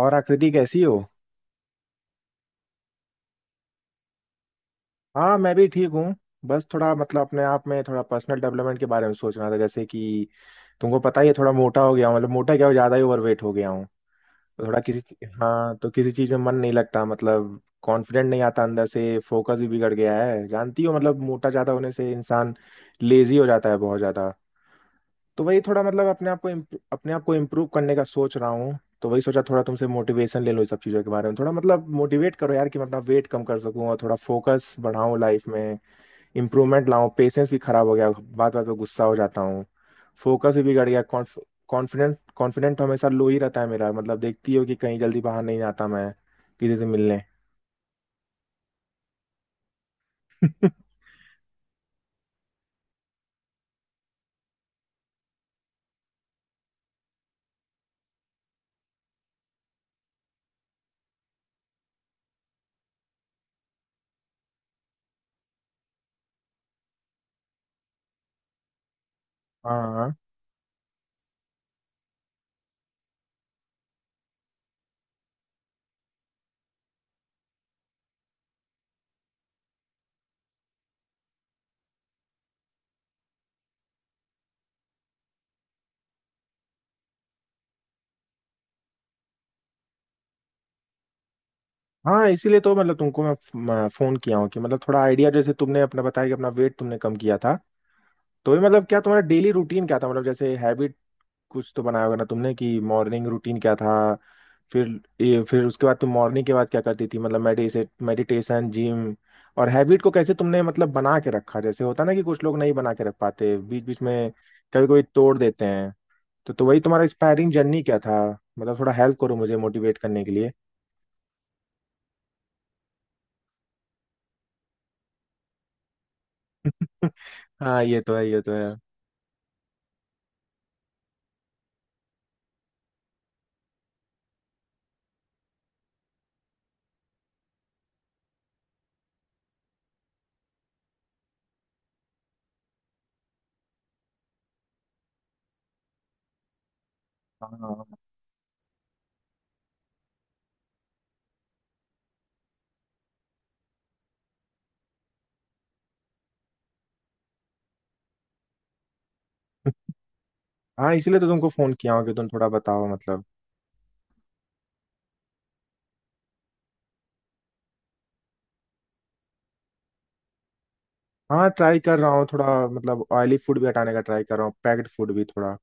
और आकृति कैसी हो? हाँ, मैं भी ठीक हूँ। बस थोड़ा मतलब अपने आप में थोड़ा पर्सनल डेवलपमेंट के बारे में सोच रहा था, जैसे कि तुमको पता ही है थोड़ा मोटा हो गया हूँ, मतलब मोटा क्या हो, ज़्यादा ही ओवरवेट हो गया हूँ। तो थोड़ा हाँ, तो किसी चीज़ में मन नहीं लगता, मतलब कॉन्फिडेंट नहीं आता अंदर से। फोकस भी बिगड़ गया है, जानती हो, मतलब मोटा ज़्यादा होने से इंसान लेजी हो जाता है बहुत ज़्यादा। तो वही थोड़ा मतलब अपने आप को इम्प्रूव करने का सोच रहा हूँ। तो वही सोचा थोड़ा तुमसे मोटिवेशन ले लो इस सब चीज़ों के बारे में, थोड़ा मतलब मोटिवेट करो यार कि मैं अपना वेट कम कर सकूँ और थोड़ा फोकस बढ़ाऊँ लाइफ में, इम्प्रूवमेंट लाऊँ। पेशेंस भी खराब हो गया, बात बात पे गुस्सा हो जाता हूँ, फोकस भी बिगड़ गया। कॉन्फिडेंट कॉन्फिडेंट हमेशा लो ही रहता है मेरा, मतलब देखती हो कि कहीं जल्दी बाहर नहीं आता मैं किसी से मिलने। हाँ हाँ। इसीलिए तो मतलब तुमको मैं फोन किया हूँ कि मतलब थोड़ा आइडिया, जैसे तुमने अपना बताया कि अपना वेट तुमने कम किया था। तो ये मतलब क्या तुम्हारा डेली रूटीन क्या था, मतलब जैसे हैबिट कुछ तो बनाया होगा ना तुमने, कि मॉर्निंग रूटीन क्या था। फिर फिर उसके बाद तुम मॉर्निंग के बाद क्या करती थी, मतलब मेडिसे मेडिटेशन, जिम, और हैबिट को कैसे तुमने मतलब बना के रखा। जैसे होता ना कि कुछ लोग नहीं बना के रख पाते, बीच बीच में कभी कभी तोड़ देते हैं। तो वही तुम्हारा इंस्पायरिंग जर्नी क्या था, मतलब थोड़ा हेल्प करो मुझे मोटिवेट करने के लिए। हाँ, ये तो है ये तो है। हाँ हाँ, इसीलिए तो तुमको फोन किया हूँ कि तुम थोड़ा बताओ मतलब। हाँ, ट्राई कर रहा हूँ थोड़ा, मतलब ऑयली फूड भी हटाने का ट्राई कर रहा हूँ, पैक्ड फूड भी थोड़ा।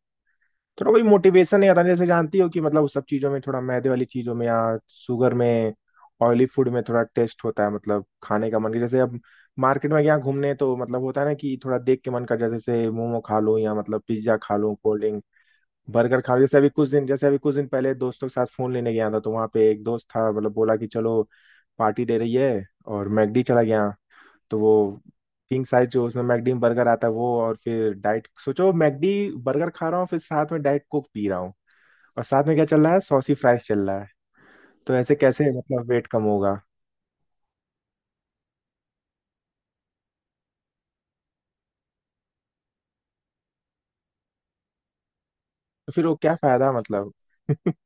थोड़ा कोई मोटिवेशन नहीं आता, जैसे जानती हो कि मतलब उस सब चीज़ों में, थोड़ा मैदे वाली चीज़ों में या शुगर में, ऑयली फूड में थोड़ा टेस्ट होता है, मतलब खाने का मन। जैसे अब मार्केट में गया घूमने तो मतलब होता है ना कि थोड़ा देख के मन कर जाता है, जैसे मोमो खा लूँ, या मतलब पिज्ज़ा खा लूँ, कोल्ड ड्रिंक, बर्गर खा लूँ। जैसे अभी कुछ दिन पहले दोस्तों के साथ फोन लेने गया था, तो वहाँ पे एक दोस्त था, मतलब बोला कि चलो पार्टी दे रही है, और मैकडी चला गया। तो वो किंग साइज जो उसमें मैकडी बर्गर आता है वो, और फिर डाइट सोचो, मैकडी बर्गर खा रहा हूँ, फिर साथ में डाइट कोक पी रहा हूँ, और साथ में क्या चल रहा है, सॉसी फ्राइज चल रहा है। तो ऐसे कैसे मतलब वेट कम होगा? तो फिर वो क्या फायदा मतलब।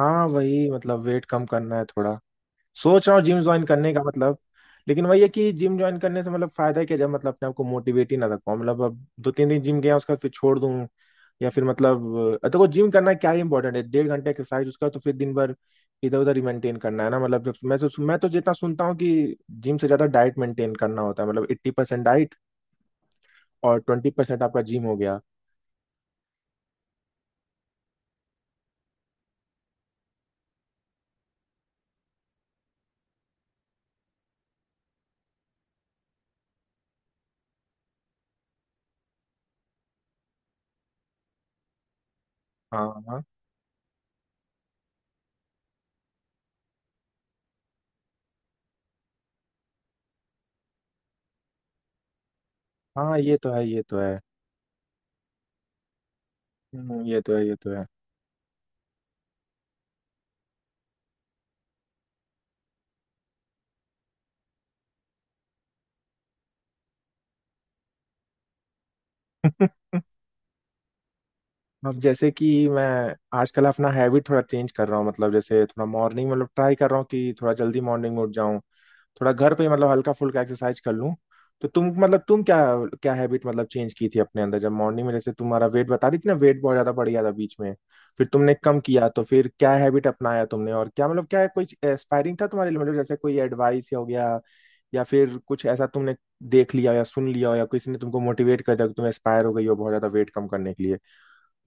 हाँ, वही मतलब वेट कम करना है थोड़ा। सोच रहा हूँ जिम ज्वाइन करने का, मतलब लेकिन वही है कि जिम ज्वाइन करने से मतलब फायदा क्या जब मतलब अपने आप को मोटिवेट ही ना रख पाऊँ, मतलब अब 2-3 दिन जिम गया उसके बाद फिर छोड़ दूँ या फिर मतलब। देखो जिम करना क्या ही इंपॉर्टेंट है, डेढ़ घंटे एक्सरसाइज, उसका तो फिर दिन भर इधर उधर ही मेंटेन करना है ना। मतलब मैं तो जितना सुनता हूँ कि जिम से ज्यादा डाइट मेंटेन करना होता है, मतलब 80% डाइट और 20% आपका जिम हो गया। हाँ हाँ हाँ, ये तो है ये तो है। ये तो है ये तो है। अब जैसे कि मैं आजकल अपना हैबिट थोड़ा चेंज कर रहा हूँ, मतलब जैसे थोड़ा मॉर्निंग, मतलब ट्राई कर रहा हूँ कि थोड़ा जल्दी मॉर्निंग में उठ जाऊँ, थोड़ा घर पे ही मतलब हल्का फुल्का एक्सरसाइज कर लूँ। तो तुम मतलब तुम क्या क्या हैबिट मतलब चेंज की थी अपने अंदर जब मॉर्निंग में, जैसे तुम्हारा वेट बता रही थी ना, वेट बहुत ज्यादा बढ़ गया था बीच में, फिर तुमने कम किया तो फिर क्या हैबिट अपनाया तुमने, और क्या मतलब क्या कोई एस्पायरिंग था तुम्हारे लिए, मतलब जैसे कोई एडवाइस हो गया या फिर कुछ ऐसा तुमने देख लिया या सुन लिया हो, या किसी ने तुमको मोटिवेट कर दिया कि तुम एस्पायर हो गई हो बहुत ज्यादा वेट कम करने के लिए,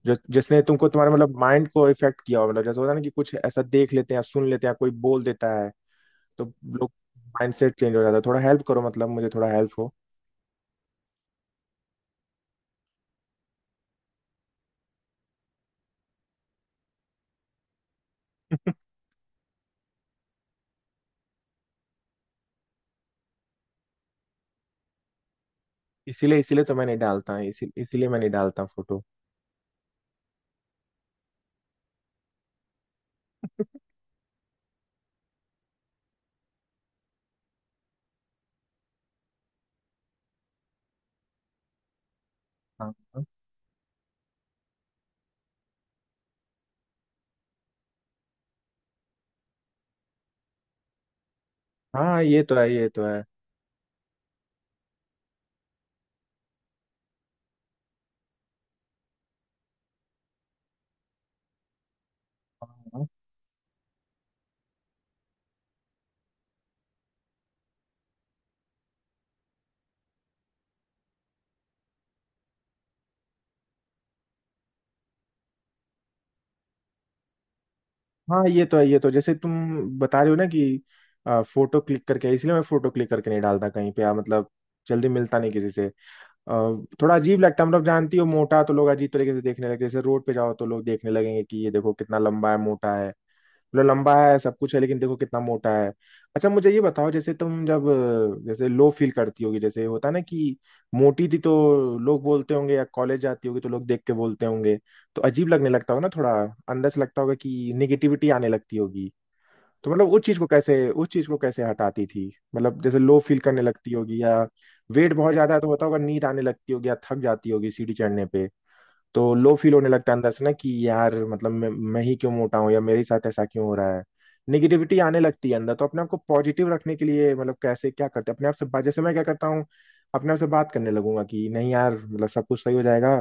जो जिसने तुमको तुम्हारे मतलब माइंड को इफेक्ट किया हो। मतलब जैसे होता है ना कि कुछ ऐसा देख लेते हैं, सुन लेते हैं, कोई बोल देता है तो लोग माइंडसेट चेंज हो जाता है। थोड़ा हेल्प करो मतलब, मुझे थोड़ा हेल्प हो। इसीलिए इसीलिए तो मैं नहीं डालता इसी, इसीलिए मैं नहीं डालता फोटो। हाँ हाँ, ये तो है ये तो है। हाँ हाँ, ये तो है ये तो। जैसे तुम बता रहे हो ना कि, फोटो क्लिक करके इसलिए मैं फोटो क्लिक करके नहीं डालता कहीं पे। मतलब जल्दी मिलता नहीं किसी से। आ, थोड़ा अजीब लगता है, मतलब जानती हो मोटा तो लोग अजीब तरीके से देखने लगते हैं। जैसे रोड पे जाओ तो लोग देखने लगेंगे कि ये देखो कितना लंबा है, मोटा है, मतलब लंबा है सब कुछ है लेकिन देखो कितना मोटा है। अच्छा, मुझे ये बताओ, जैसे तुम जब जैसे लो फील करती होगी, जैसे होता है ना कि मोटी थी तो लोग बोलते होंगे, या कॉलेज जाती होगी तो लोग देख के बोलते होंगे तो अजीब लगने लगता होगा ना थोड़ा, अंदर से लगता होगा कि निगेटिविटी आने लगती होगी। तो मतलब उस चीज को कैसे हटाती थी, मतलब जैसे लो फील करने लगती होगी, या वेट बहुत ज्यादा है तो होता होगा, नींद आने लगती होगी या थक जाती होगी सीढ़ी चढ़ने पे। तो लो फील होने लगता है अंदर से ना कि यार मतलब मैं ही क्यों मोटा हूँ या मेरे साथ ऐसा क्यों हो रहा है, निगेटिविटी आने लगती है अंदर। तो अपने आप को पॉजिटिव रखने के लिए मतलब कैसे क्या करते हैं, अपने आप से बात? जैसे मैं क्या करता हूँ अपने आप से बात करने लगूंगा कि नहीं यार मतलब सब कुछ सही हो जाएगा,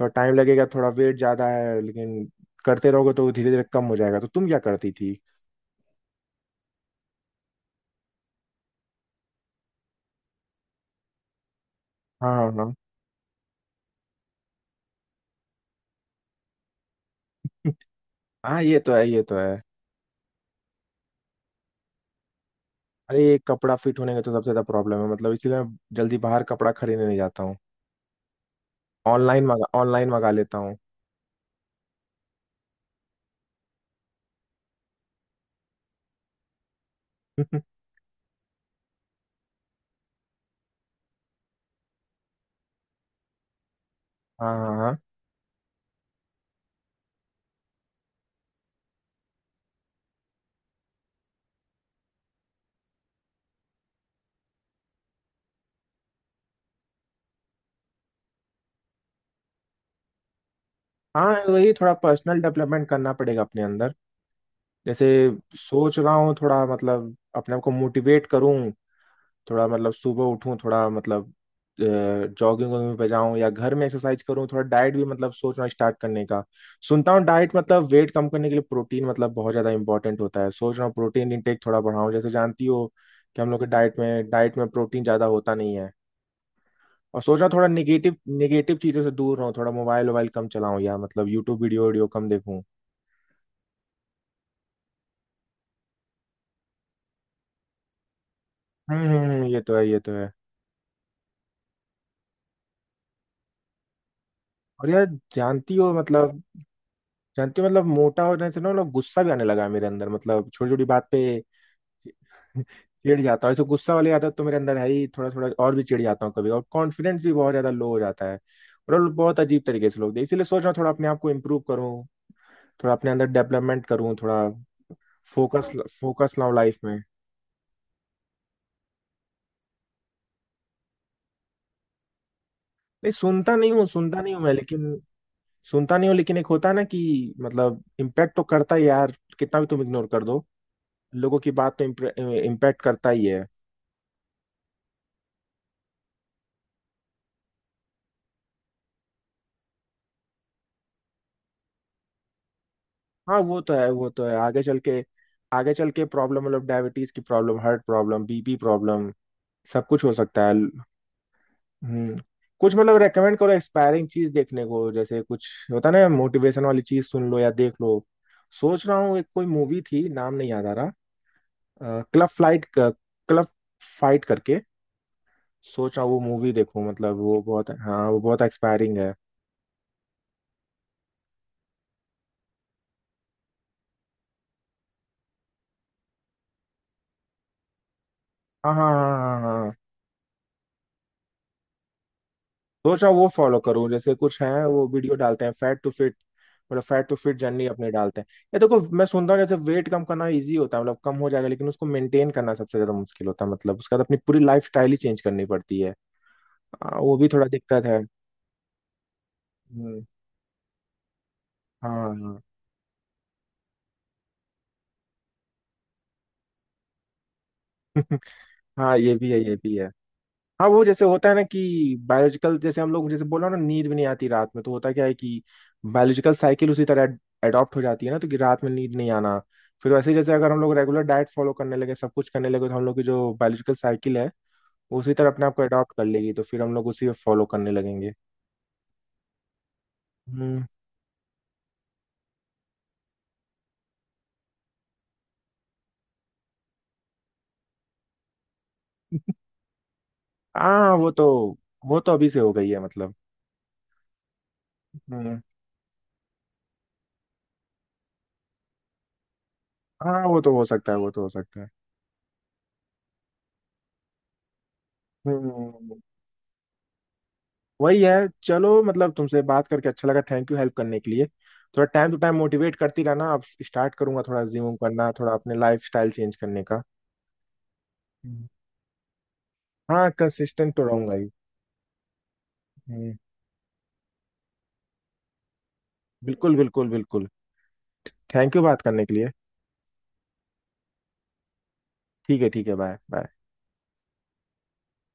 थोड़ा टाइम लगेगा, थोड़ा वेट ज्यादा है लेकिन करते रहोगे तो धीरे धीरे कम हो जाएगा। तो तुम क्या करती थी? हाँ हाँ हाँ हाँ, ये तो है ये तो है। अरे, ये कपड़ा फिट होने का तो सबसे ज्यादा प्रॉब्लम है, मतलब इसीलिए मैं जल्दी बाहर कपड़ा खरीदने नहीं जाता हूँ, ऑनलाइन मंगा लेता हूँ। हाँ हाँ हाँ, वही थोड़ा पर्सनल डेवलपमेंट करना पड़ेगा अपने अंदर, जैसे सोच रहा हूँ थोड़ा मतलब अपने आप को मोटिवेट करूँ, थोड़ा मतलब सुबह उठूँ, थोड़ा मतलब जॉगिंग वॉगिंग पे जाऊँ या घर में एक्सरसाइज करूँ, थोड़ा डाइट भी मतलब सोचना स्टार्ट करने का। सुनता हूँ डाइट मतलब वेट कम करने के लिए प्रोटीन मतलब बहुत ज़्यादा इंपॉर्टेंट होता है, सोच रहा हूँ प्रोटीन इंटेक थोड़ा बढ़ाऊँ, जैसे जानती हो कि हम लोग के डाइट में प्रोटीन ज़्यादा होता नहीं है। और सोच रहा हूँ थोड़ा निगेटिव निगेटिव चीज़ों से दूर रहूँ, थोड़ा मोबाइल वोबाइल कम चलाऊँ, या मतलब यूट्यूब वीडियो वीडियो कम देखूँ। ये तो है ये तो है। और यार, जानती हो मतलब, मोटा होने से ना मतलब गुस्सा भी आने लगा है मेरे अंदर, मतलब छोटी छोटी बात पे। चिढ़ जाता हूँ ऐसे। गुस्सा वाली आदत तो मेरे अंदर है ही थोड़ा थोड़ा, और भी चिढ़ जाता हूँ कभी, और कॉन्फिडेंस भी बहुत ज्यादा लो हो जाता है, और बहुत अजीब तरीके से इसीलिए सोच रहा हूँ थोड़ा अपने आप को इम्प्रूव करूँ, थोड़ा अपने अंदर डेवलपमेंट करूँ, थोड़ा फोकस फोकस लाऊं लाइफ में। नहीं, सुनता नहीं हूँ, सुनता नहीं हूँ मैं, लेकिन सुनता नहीं हूँ लेकिन एक होता है ना कि मतलब इम्पैक्ट तो करता है यार, कितना भी तुम इग्नोर कर दो, लोगों की बात तो इम्पैक्ट करता ही है। हाँ वो तो है वो तो है। आगे चल के प्रॉब्लम, मतलब डायबिटीज की problem, heart problem, BP problem, सब कुछ हो सकता है। हम्म। कुछ मतलब रेकमेंड करो एक्सपायरिंग चीज देखने को, जैसे कुछ होता ना मोटिवेशन वाली चीज, सुन लो या देख लो। सोच रहा हूँ एक कोई मूवी थी, नाम नहीं याद आ रहा, क्लब फ्लाइट क्लब, फाइट करके। सोच रहा हूँ वो मूवी देखूं, मतलब वो बहुत, हाँ वो बहुत एक्सपायरिंग है। हाँ हाँ हाँ हाँ हाँ। सोच रहा हूँ वो फॉलो करूँ, जैसे कुछ है वो वीडियो डालते हैं, फैट टू फिट जर्नी अपनी डालते हैं। ये देखो, मैं सुनता हूँ जैसे वेट कम करना इजी होता है, मतलब कम हो जाएगा लेकिन उसको मेंटेन करना सबसे ज्यादा मुश्किल होता है, मतलब उसका तो अपनी पूरी लाइफ स्टाइल ही चेंज करनी पड़ती है। वो भी थोड़ा दिक्कत है। हम्म, हाँ हाँ। हाँ, ये भी है ये भी है। हाँ, वो जैसे होता है ना कि बायोलॉजिकल, जैसे हम लोग जैसे बोला ना नींद भी नहीं आती रात में, तो होता क्या है कि बायोलॉजिकल साइकिल उसी तरह एडॉप्ट हो जाती है ना, तो कि रात में नींद नहीं आना, फिर वैसे ही जैसे अगर हम लोग रेगुलर डाइट फॉलो करने लगे, सब कुछ करने लगे, तो हम लोग की जो बायोलॉजिकल साइकिल है वो उसी तरह अपने आप को एडॉप्ट कर लेगी, तो फिर हम लोग उसी में फॉलो करने लगेंगे। हम्म। हाँ, वो तो अभी से हो गई है मतलब। हम्म। हाँ, वो तो हो सकता है वो तो हो सकता है। हम्म, वही है। चलो, मतलब तुमसे बात करके अच्छा लगा, थैंक यू हेल्प करने के लिए। थोड़ा टाइम टू टाइम मोटिवेट करती रहना, अब स्टार्ट करूंगा थोड़ा जिम करना, थोड़ा अपने लाइफ स्टाइल चेंज करने का। हम्म, हाँ कंसिस्टेंट तो रहूंगा ही। हम्म। बिल्कुल बिल्कुल बिल्कुल, थैंक यू बात करने के लिए। ठीक है ठीक है, बाय बाय।